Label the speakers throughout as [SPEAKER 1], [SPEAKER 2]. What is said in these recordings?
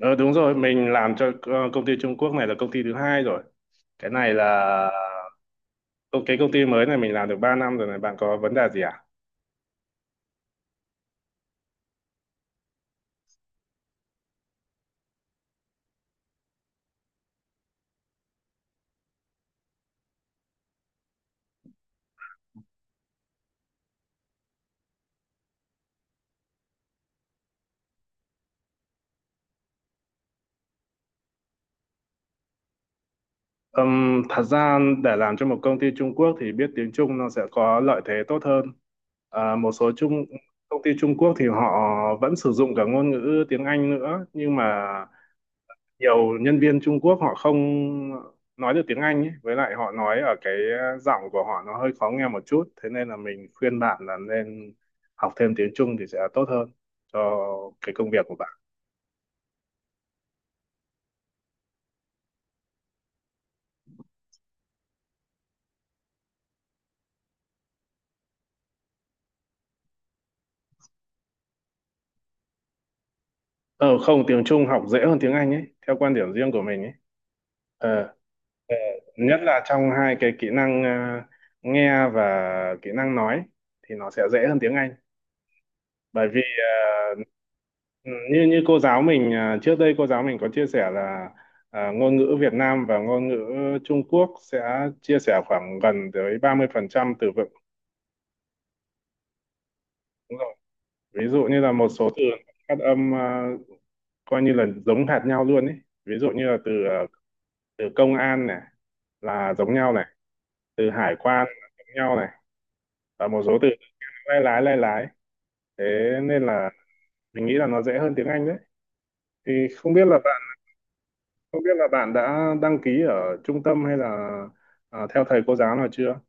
[SPEAKER 1] Ờ Đúng rồi, mình làm cho công ty Trung Quốc này là công ty thứ hai rồi. Cái này là cái công ty mới này mình làm được 3 năm rồi này, bạn có vấn đề gì à? Thật ra để làm cho một công ty Trung Quốc thì biết tiếng Trung nó sẽ có lợi thế tốt hơn. Ờ, một số Trung Công ty Trung Quốc thì họ vẫn sử dụng cả ngôn ngữ tiếng Anh nữa, nhưng mà nhiều nhân viên Trung Quốc họ không nói được tiếng Anh ấy. Với lại họ nói ở cái giọng của họ nó hơi khó nghe một chút, thế nên là mình khuyên bạn là nên học thêm tiếng Trung thì sẽ tốt hơn cho cái công việc của bạn. Ờ Không, tiếng Trung học dễ hơn tiếng Anh ấy theo quan điểm riêng của mình ấy. ờ, Nhất là trong hai cái kỹ năng, nghe và kỹ năng nói thì nó sẽ dễ hơn tiếng Anh, bởi vì Ừ, như như cô giáo mình, trước đây cô giáo mình có chia sẻ là, ngôn ngữ Việt Nam và ngôn ngữ Trung Quốc sẽ chia sẻ khoảng gần tới 30% từ vựng. Đúng rồi. Ví dụ như là một số từ phát âm, coi như là giống hệt nhau luôn ấy. Ví dụ như là từ, từ công an này là giống nhau này, từ hải quan là giống nhau này, và một số từ lái lái lái lái. Thế nên là mình nghĩ là nó dễ hơn tiếng Anh đấy. Thì không biết là Không biết là bạn đã đăng ký ở trung tâm hay là, theo thầy cô giáo nào chưa?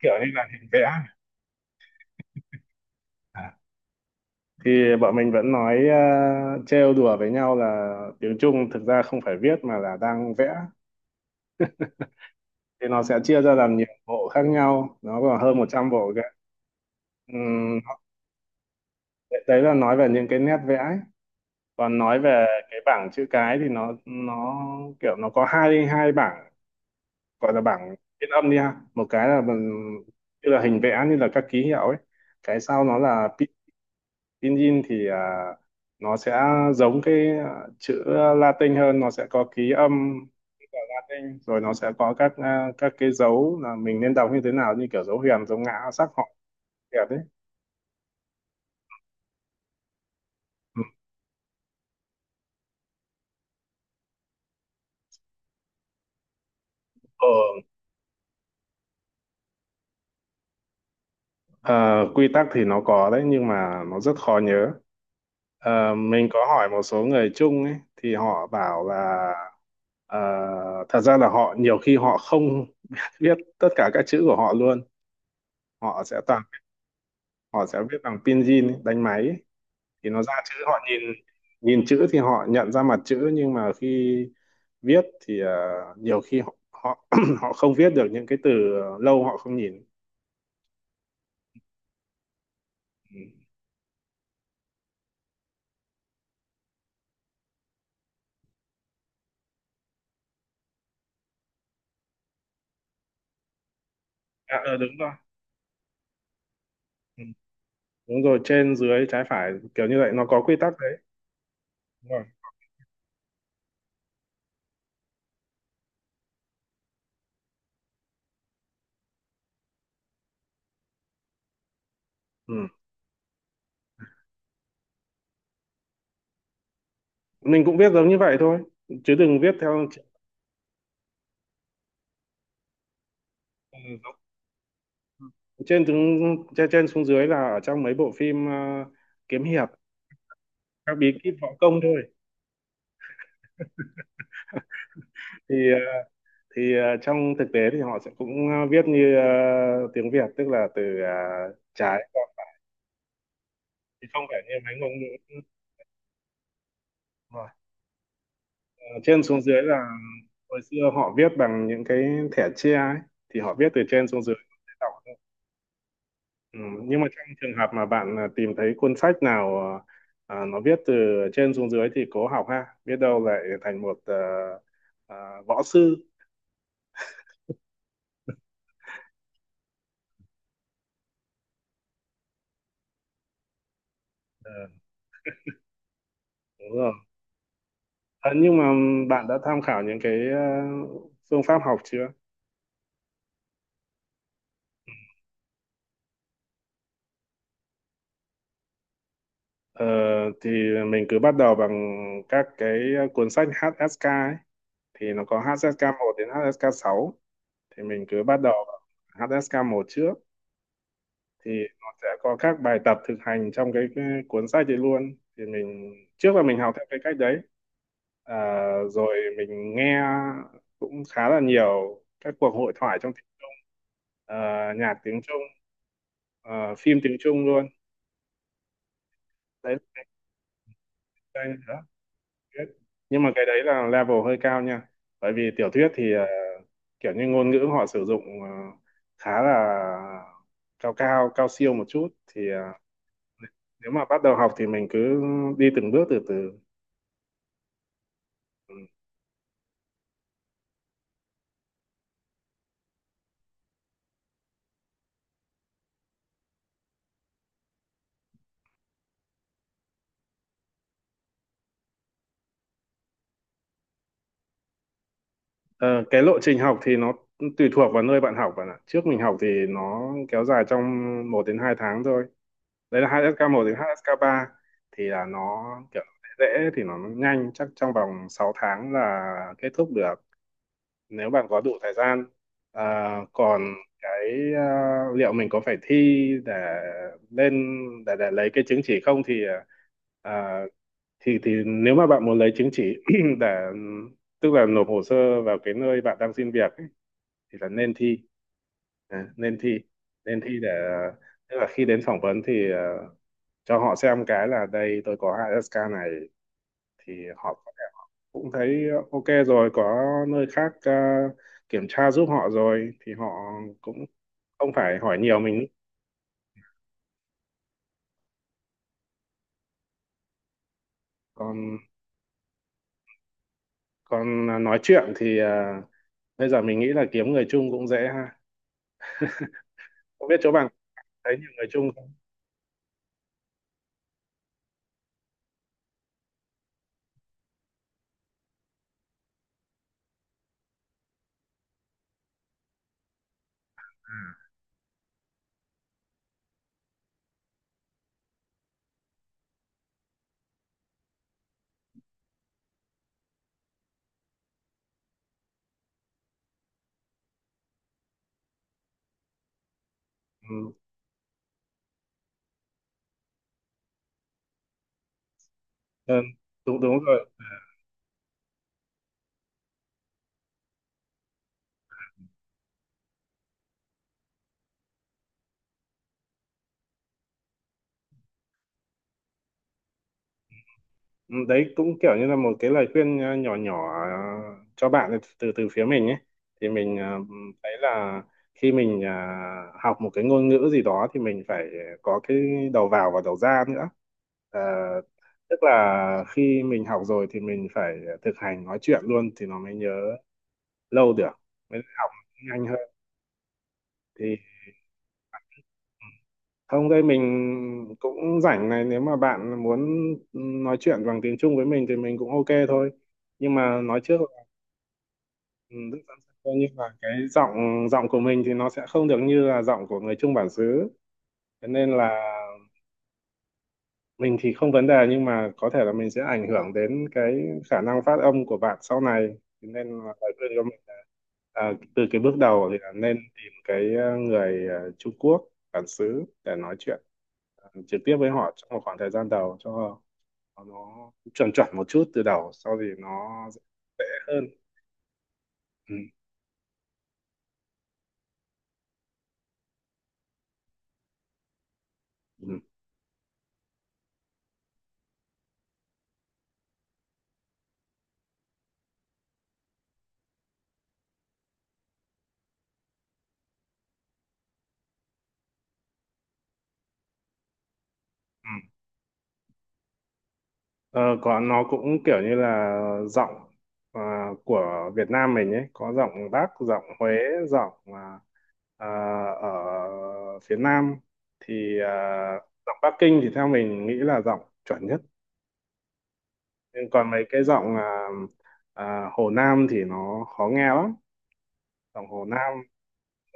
[SPEAKER 1] Kiểu như là hình vẽ. À. Thì bọn mình vẫn nói, trêu đùa với nhau là tiếng Trung thực ra không phải viết mà là đang vẽ. Thì nó sẽ chia ra làm nhiều bộ khác nhau, nó còn hơn 100 bộ kìa. Ừm, đấy đấy là nói về những cái nét vẽ ấy. Còn nói về cái bảng chữ cái thì nó kiểu nó có hai hai bảng, gọi là bảng phiên âm đi ha, một cái là như là hình vẽ, như là các ký hiệu ấy. Cái sau nó là pinyin thì, nó sẽ giống cái, chữ Latin hơn, nó sẽ có ký âm của Latin, rồi nó sẽ có các, các cái dấu là mình nên đọc như thế nào, như kiểu dấu huyền dấu ngã sắc họ đẹp đấy. Ừ. ờ, Quy tắc thì nó có đấy, nhưng mà nó rất khó nhớ. Mình có hỏi một số người chung ấy thì họ bảo là, ờ, thật ra là họ nhiều khi họ không biết tất cả các chữ của họ luôn. họ sẽ toàn Họ sẽ viết bằng pinyin ấy, đánh máy ấy. Thì nó ra chữ họ nhìn, nhìn chữ thì họ nhận ra mặt chữ, nhưng mà khi viết thì, nhiều khi họ họ họ không viết được những cái từ lâu họ không nhìn. Ừ. Đúng rồi. Ừ. Đúng rồi, trên dưới trái phải kiểu như vậy nó có quy tắc đấy. Đúng rồi. ừ. Mình cũng viết giống như vậy thôi, chứ đừng viết theo. Trên xuống dưới là ở trong mấy bộ phim, kiếm hiệp, các bí kíp võ công thôi. thì ờ, Trong thực tế thì họ sẽ cũng, viết như, tiếng Việt, tức là từ, trái qua, thì không phải như mấy ngôn ngữ. Rồi. Ờ, Trên xuống dưới là hồi xưa họ viết bằng những cái thẻ tre ấy, thì họ viết từ trên xuống dưới. Ừ, nhưng mà trong trường hợp mà bạn, tìm thấy cuốn sách nào, nó viết từ trên xuống dưới, thì cố học ha, biết đâu lại thành một, à, võ sư. Ờ, Đúng rồi. Ờ, nhưng mà bạn đã tham khảo những cái, phương pháp học chưa? Ờ, thì mình cứ bắt đầu bằng các cái cuốn sách HSK ấy. Thì nó có HSK một đến HSK sáu, thì mình cứ bắt đầu bằng HSK 1 trước. Thì nó sẽ có các bài tập thực hành trong cái cuốn sách đấy luôn, thì mình trước là mình học theo cái cách đấy, à, rồi mình nghe cũng khá là nhiều các cuộc hội thoại trong, ờ, nhạc tiếng Trung, phim tiếng Trung luôn. Đấy đây đó biết. Nhưng mà cái đấy là level hơi cao nha, bởi vì tiểu thuyết thì, kiểu như ngôn ngữ họ sử dụng, khá là cao cao cao siêu một chút, thì, nếu mà bắt đầu học thì mình cứ đi từng bước từ từ. Ừ. Ờ, cái lộ trình học thì nó tùy thuộc vào nơi bạn học, bạn ạ. Trước mình học thì nó kéo dài trong 1 đến 2 tháng thôi. Đấy là 2SK1 đến 2SK3. Thì là nó kiểu dễ dễ thì nó nhanh, chắc trong vòng 6 tháng là kết thúc được, nếu bạn có đủ thời gian. À, còn cái, liệu mình có phải thi để lên, để lấy cái chứng chỉ không, thì, à, thì nếu mà bạn muốn lấy chứng chỉ để, tức là nộp hồ sơ vào cái nơi bạn đang xin việc ấy, thì là nên thi. À, nên thi để, tức là khi đến phỏng vấn thì, cho họ xem cái là đây tôi có HSK này, thì họ có thể cũng thấy, ok rồi, có nơi khác, kiểm tra giúp họ rồi, thì họ cũng không phải hỏi nhiều mình. Còn còn nói chuyện thì, bây giờ mình nghĩ là kiếm người chung cũng dễ ha. Không biết chỗ bạn, thấy nhiều người chung. Ừ. Ừ. đúng đúng rồi. Ừ. Đấy cũng kiểu như là một cái lời khuyên, nhỏ nhỏ, cho bạn ấy, từ từ phía mình ấy. Thì mình, thấy là khi mình, học một cái ngôn ngữ gì đó thì mình phải có cái đầu vào và đầu ra nữa. Ờ, Tức là khi mình học rồi thì mình phải thực hành nói chuyện luôn, thì nó mới nhớ lâu được, mới học nhanh hơn. thì ừ, Không, đây mình cũng rảnh này, nếu mà bạn muốn nói chuyện bằng tiếng Trung với mình thì mình cũng ok thôi. Nhưng mà nói trước là, ừ, Đức Giang Sen, coi như là cái giọng giọng của mình thì nó sẽ không được như là giọng của người Trung bản xứ. Thế nên là mình thì không vấn đề, nhưng mà có thể là mình sẽ ảnh hưởng đến cái khả năng phát âm của bạn sau này. Thế nên là lời khuyên của mình là, từ cái bước đầu thì là nên tìm cái, người, Trung Quốc bản xứ để nói chuyện. Trực tiếp với họ trong một khoảng thời gian đầu, cho nó chuẩn chuẩn một chút, từ đầu sau thì nó dễ hơn. Ừ. Ừ. Ừ. Ờ, Còn nó cũng kiểu như là giọng, của Việt Nam mình ấy, có giọng Bắc, giọng Huế, giọng, à, ở phía Nam, thì, giọng Bắc Kinh thì theo mình nghĩ là giọng chuẩn nhất. Nhưng còn mấy cái giọng, Hồ Nam thì nó khó nghe lắm. Giọng Hồ Nam.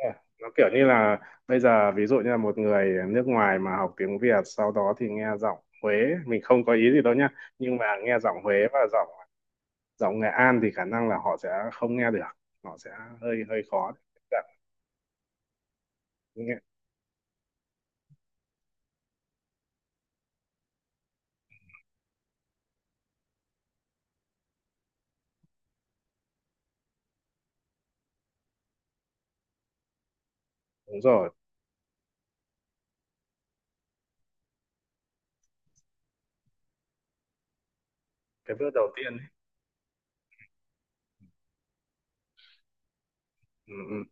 [SPEAKER 1] Yeah. Nó kiểu như là bây giờ ví dụ như là một người nước ngoài mà học tiếng Việt, sau đó thì nghe giọng Huế, mình không có ý gì đâu nhá. Nhưng mà nghe giọng Huế và giọng giọng Nghệ An thì khả năng là họ sẽ không nghe được, họ sẽ hơi hơi khó để tiếp cận. Nghe đúng rồi cái bước đầu tiên ấy. Ừ, ừ,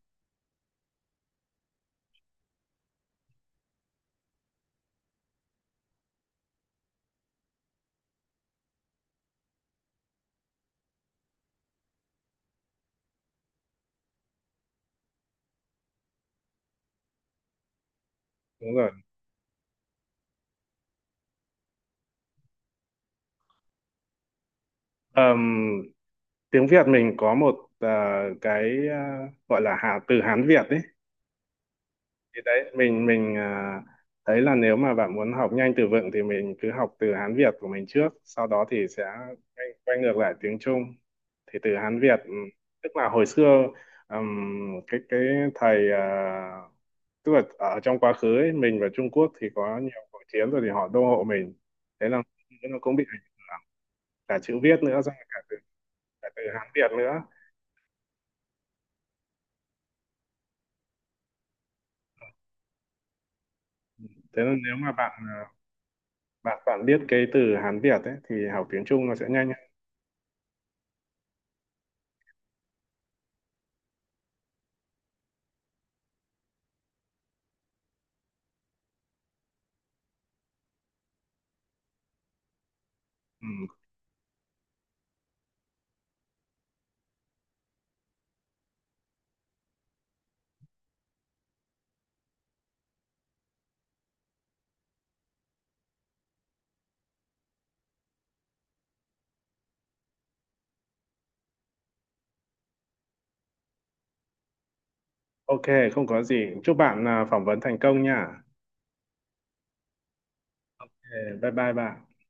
[SPEAKER 1] đúng rồi. Ờm, Tiếng Việt mình có một, cái, ờ, gọi là từ Hán Việt ấy. Thì đấy, mình, thấy là nếu mà bạn muốn học nhanh từ vựng thì mình cứ học từ Hán Việt của mình trước, sau đó thì sẽ quay ngược lại tiếng Trung. Thì từ Hán Việt, tức là hồi xưa, cái thầy, tức là ở trong quá khứ ấy, mình và Trung Quốc thì có nhiều cuộc chiến, rồi thì họ đô hộ mình. Thế là nó cũng bị ảnh hưởng cả chữ viết nữa, xong rồi cả từ Hán Việt nữa. Thế nên nếu mà bạn, à, bạn bạn biết cái từ Hán Việt ấy thì học tiếng Trung nó sẽ nhanh hơn. Ừ. Ok, không có gì. Chúc bạn, phỏng vấn thành công nha. Ok, bye bye bạn.